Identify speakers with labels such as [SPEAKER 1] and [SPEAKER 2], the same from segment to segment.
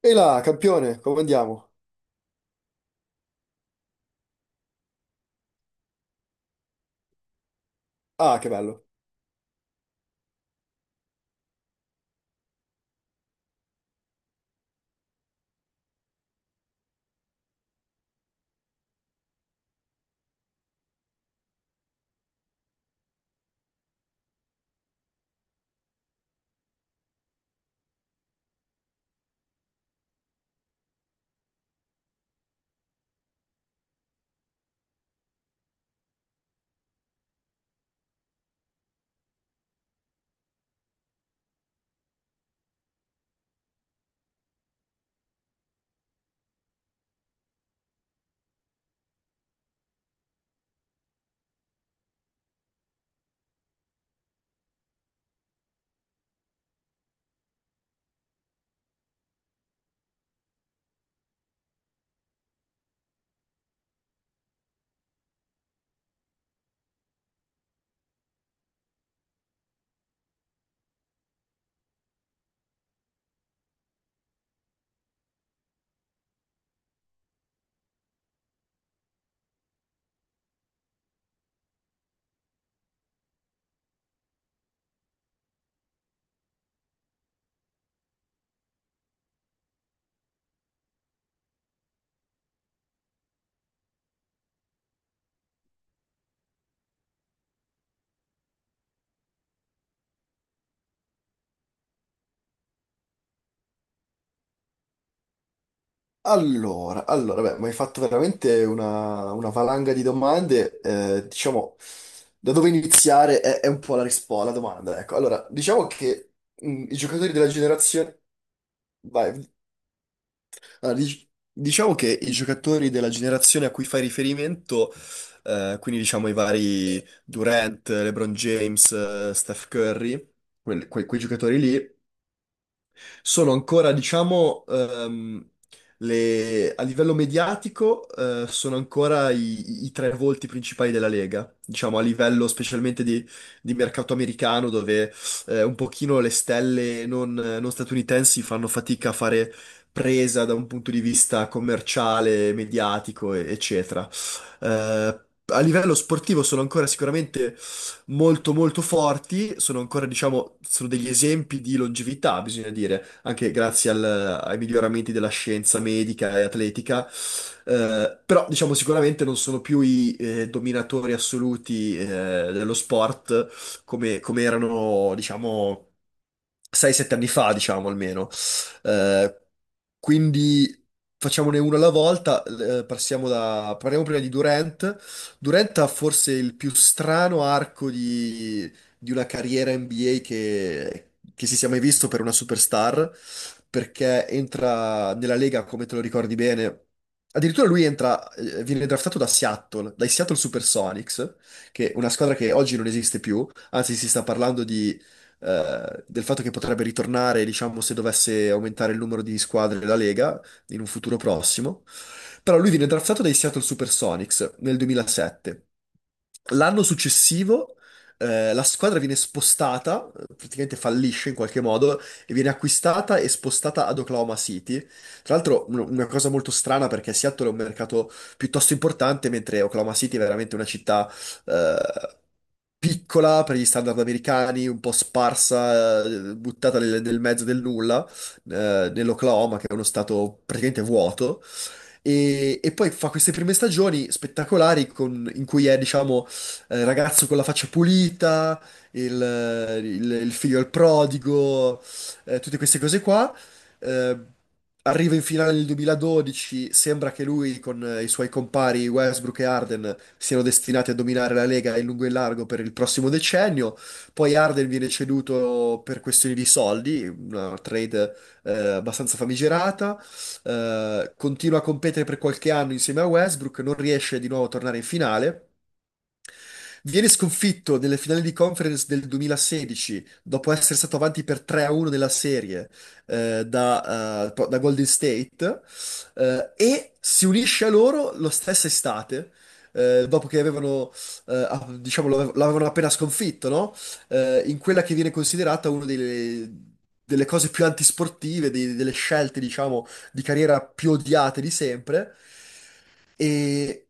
[SPEAKER 1] E là, campione, come andiamo? Ah, che bello. Allora, beh, mi hai fatto veramente una valanga di domande. Diciamo, da dove iniziare è un po' la risposta, la domanda, ecco. Allora, diciamo che i giocatori della generazione. Vai. Allora, diciamo che i giocatori della generazione a cui fai riferimento, quindi diciamo i vari Durant, LeBron James, Steph Curry, quei giocatori lì, sono ancora, diciamo, a livello mediatico, sono ancora i tre volti principali della Lega, diciamo, a livello specialmente di mercato americano, dove un pochino le stelle non statunitensi fanno fatica a fare presa da un punto di vista commerciale, mediatico, eccetera. Eh, a livello sportivo sono ancora sicuramente molto molto forti, sono ancora, diciamo, sono degli esempi di longevità, bisogna dire anche grazie ai miglioramenti della scienza medica e atletica. Però, diciamo, sicuramente non sono più i dominatori assoluti dello sport come erano, diciamo, 6-7 anni fa, diciamo almeno. Eh, quindi facciamone uno alla volta. Parliamo prima di Durant. Durant ha forse il più strano arco di una carriera NBA che si sia mai visto per una superstar, perché entra nella Lega, come te lo ricordi bene. Addirittura lui entra, viene draftato da Seattle, dai Seattle Supersonics, che è una squadra che oggi non esiste più, anzi si sta parlando del fatto che potrebbe ritornare, diciamo, se dovesse aumentare il numero di squadre della Lega in un futuro prossimo. Però lui viene draftato dai Seattle Supersonics nel 2007. L'anno successivo la squadra viene spostata, praticamente fallisce in qualche modo, e viene acquistata e spostata ad Oklahoma City. Tra l'altro, una cosa molto strana perché Seattle è un mercato piuttosto importante, mentre Oklahoma City è veramente una città eh, piccola per gli standard americani, un po' sparsa, buttata nel mezzo del nulla, nell'Oklahoma, che è uno stato praticamente vuoto. E poi fa queste prime stagioni spettacolari in cui è, diciamo, ragazzo con la faccia pulita, il, il figlio del prodigo, tutte queste cose qua. Eh, arriva in finale nel 2012, sembra che lui con i suoi compari Westbrook e Harden siano destinati a dominare la Lega in lungo e in largo per il prossimo decennio. Poi Harden viene ceduto per questioni di soldi, una trade abbastanza famigerata. Continua a competere per qualche anno insieme a Westbrook, non riesce di nuovo a tornare in finale. Viene sconfitto nelle finali di conference del 2016, dopo essere stato avanti per 3-1 nella serie da Golden State, e si unisce a loro lo stesso estate, dopo che avevano, diciamo, l'avevano appena sconfitto, no? In quella che viene considerata una delle cose più antisportive, delle scelte, diciamo, di carriera più odiate di sempre. E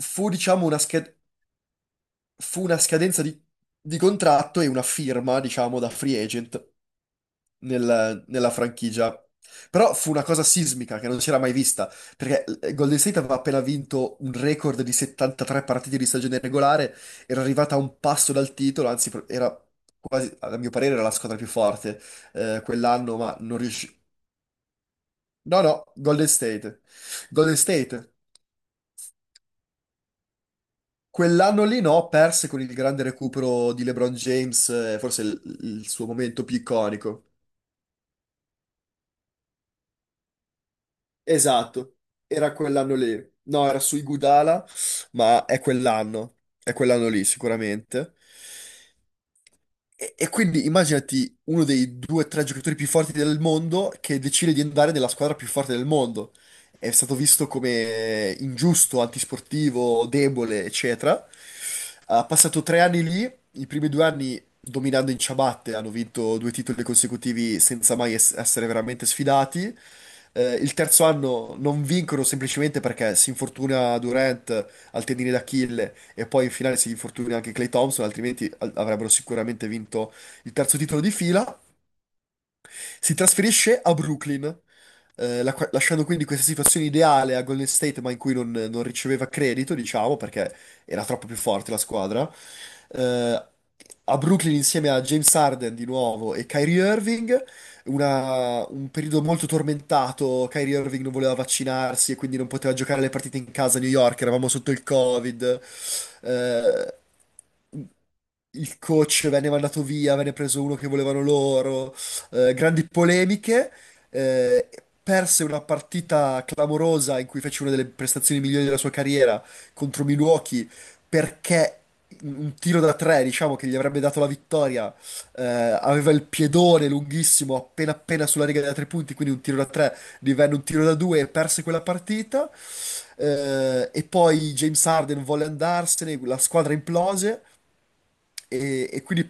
[SPEAKER 1] fu, diciamo, una scheda. Fu una scadenza di contratto e una firma, diciamo, da free agent nella franchigia. Però fu una cosa sismica che non si era mai vista, perché Golden State aveva appena vinto un record di 73 partite di stagione regolare, era arrivata a un passo dal titolo, anzi era quasi, a mio parere, era la squadra più forte quell'anno, ma non riuscì. No, no, Golden State. Golden State. Quell'anno lì no, perse con il grande recupero di LeBron James, forse il suo momento più iconico. Esatto, era quell'anno lì. No, era sui Gudala, ma è quell'anno lì sicuramente. E quindi immaginati uno dei due o tre giocatori più forti del mondo che decide di andare nella squadra più forte del mondo. È stato visto come ingiusto, antisportivo, debole, eccetera. Ha passato 3 anni lì, i primi 2 anni dominando in ciabatte, hanno vinto due titoli consecutivi senza mai essere veramente sfidati. Il terzo anno non vincono semplicemente perché si infortuna Durant al tendine d'Achille e poi in finale si infortuna anche Clay Thompson, altrimenti avrebbero sicuramente vinto il terzo titolo di fila. Si trasferisce a Brooklyn, lasciando quindi questa situazione ideale a Golden State, ma in cui non riceveva credito, diciamo, perché era troppo più forte la squadra. Eh, a Brooklyn insieme a James Harden di nuovo e Kyrie Irving, un periodo molto tormentato. Kyrie Irving non voleva vaccinarsi e quindi non poteva giocare le partite in casa a New York, eravamo sotto il Covid. Eh, il coach venne mandato via, venne preso uno che volevano loro, grandi polemiche, eh, Perse una partita clamorosa in cui fece una delle prestazioni migliori della sua carriera contro Milwaukee perché un tiro da tre, diciamo, che gli avrebbe dato la vittoria, aveva il piedone lunghissimo appena appena sulla riga da tre punti, quindi un tiro da tre divenne un tiro da due e perse quella partita. E poi James Harden volle andarsene, la squadra implose. E quindi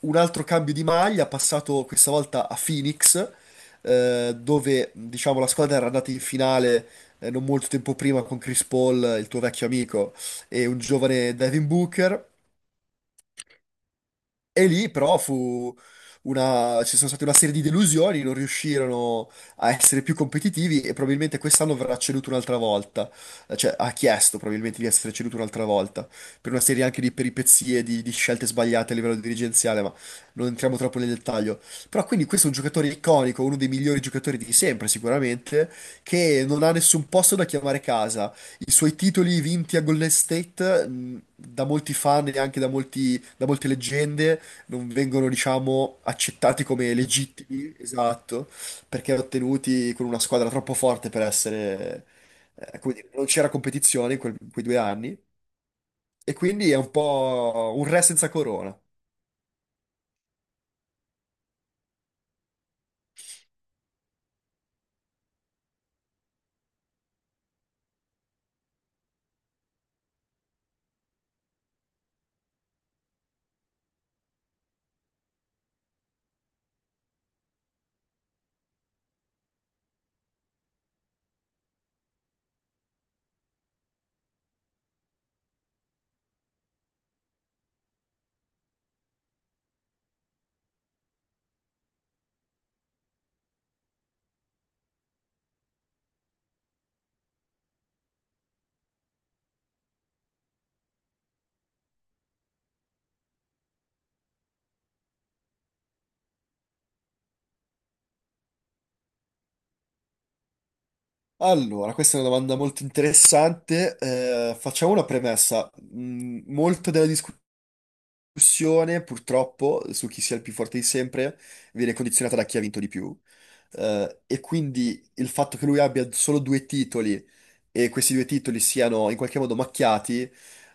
[SPEAKER 1] un altro cambio di maglia, passato questa volta a Phoenix, dove diciamo la squadra era andata in finale non molto tempo prima con Chris Paul, il tuo vecchio amico, e un giovane Devin Booker. E lì però ci sono state una serie di delusioni, non riuscirono a essere più competitivi e probabilmente quest'anno verrà ceduto un'altra volta. Cioè ha chiesto probabilmente di essere ceduto un'altra volta, per una serie anche di peripezie, di, scelte sbagliate a livello dirigenziale, ma non entriamo troppo nel dettaglio. Però quindi questo è un giocatore iconico, uno dei migliori giocatori di sempre sicuramente, che non ha nessun posto da chiamare casa. I suoi titoli vinti a Golden State, da molti fan e anche da da molte leggende, non vengono, diciamo, accettati come legittimi, esatto, perché ottenuti con una squadra troppo forte per essere, come dire, non c'era competizione in in quei 2 anni, e quindi è un po' un re senza corona. Allora, questa è una domanda molto interessante. Facciamo una premessa. Molto della discussione, purtroppo, su chi sia il più forte di sempre, viene condizionata da chi ha vinto di più. E quindi il fatto che lui abbia solo due titoli e questi due titoli siano in qualche modo macchiati,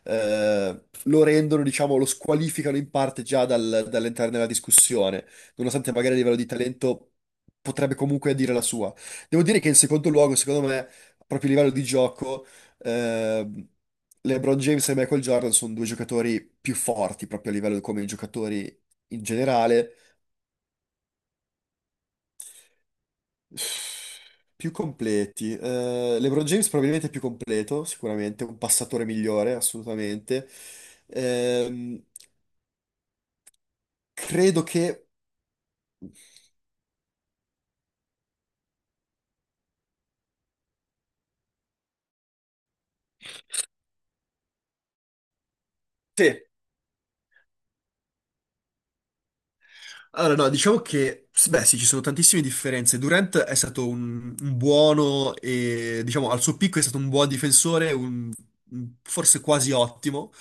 [SPEAKER 1] lo rendono, diciamo, lo squalificano in parte già dall'entrare nella discussione, nonostante magari a livello di talento potrebbe comunque dire la sua. Devo dire che in secondo luogo, secondo me, proprio a livello di gioco, ehm, LeBron James e Michael Jordan sono due giocatori più forti proprio a livello come giocatori in generale. Più completi. LeBron James probabilmente è più completo, sicuramente, un passatore migliore, assolutamente. Ehm, Credo che. Sì. Allora, no, diciamo che, beh, sì, ci sono tantissime differenze. Durant è stato un buono e, diciamo, al suo picco è stato un buon difensore, forse quasi ottimo,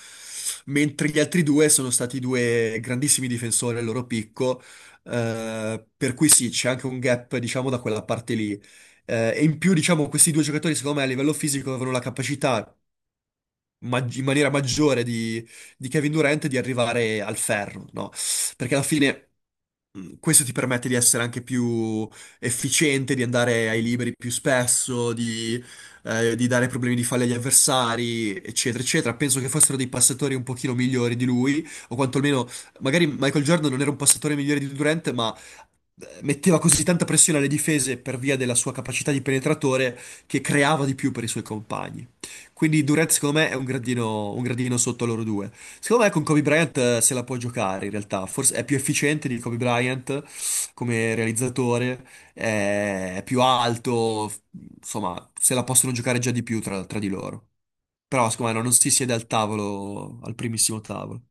[SPEAKER 1] mentre gli altri due sono stati due grandissimi difensori al loro picco, per cui sì, c'è anche un gap, diciamo, da quella parte lì. E in più, diciamo, questi due giocatori, secondo me, a livello fisico avevano la capacità in maniera maggiore di, Kevin Durant di arrivare al ferro, no? Perché alla fine questo ti permette di essere anche più efficiente, di andare ai liberi più spesso, di dare problemi di falli agli avversari, eccetera, eccetera. Penso che fossero dei passatori un pochino migliori di lui, o quantomeno, magari Michael Jordan non era un passatore migliore di Durant, ma metteva così tanta pressione alle difese per via della sua capacità di penetratore che creava di più per i suoi compagni. Quindi Durant secondo me è un gradino sotto loro due. Secondo me con Kobe Bryant se la può giocare in realtà, forse è più efficiente di Kobe Bryant come realizzatore, è più alto, insomma se la possono giocare già di più tra, di loro. Però secondo me no, non si siede al tavolo, al primissimo tavolo.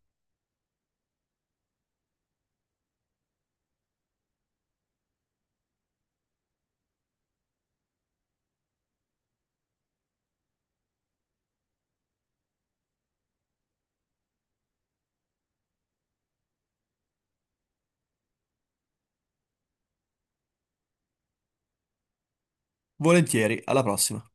[SPEAKER 1] Volentieri, alla prossima.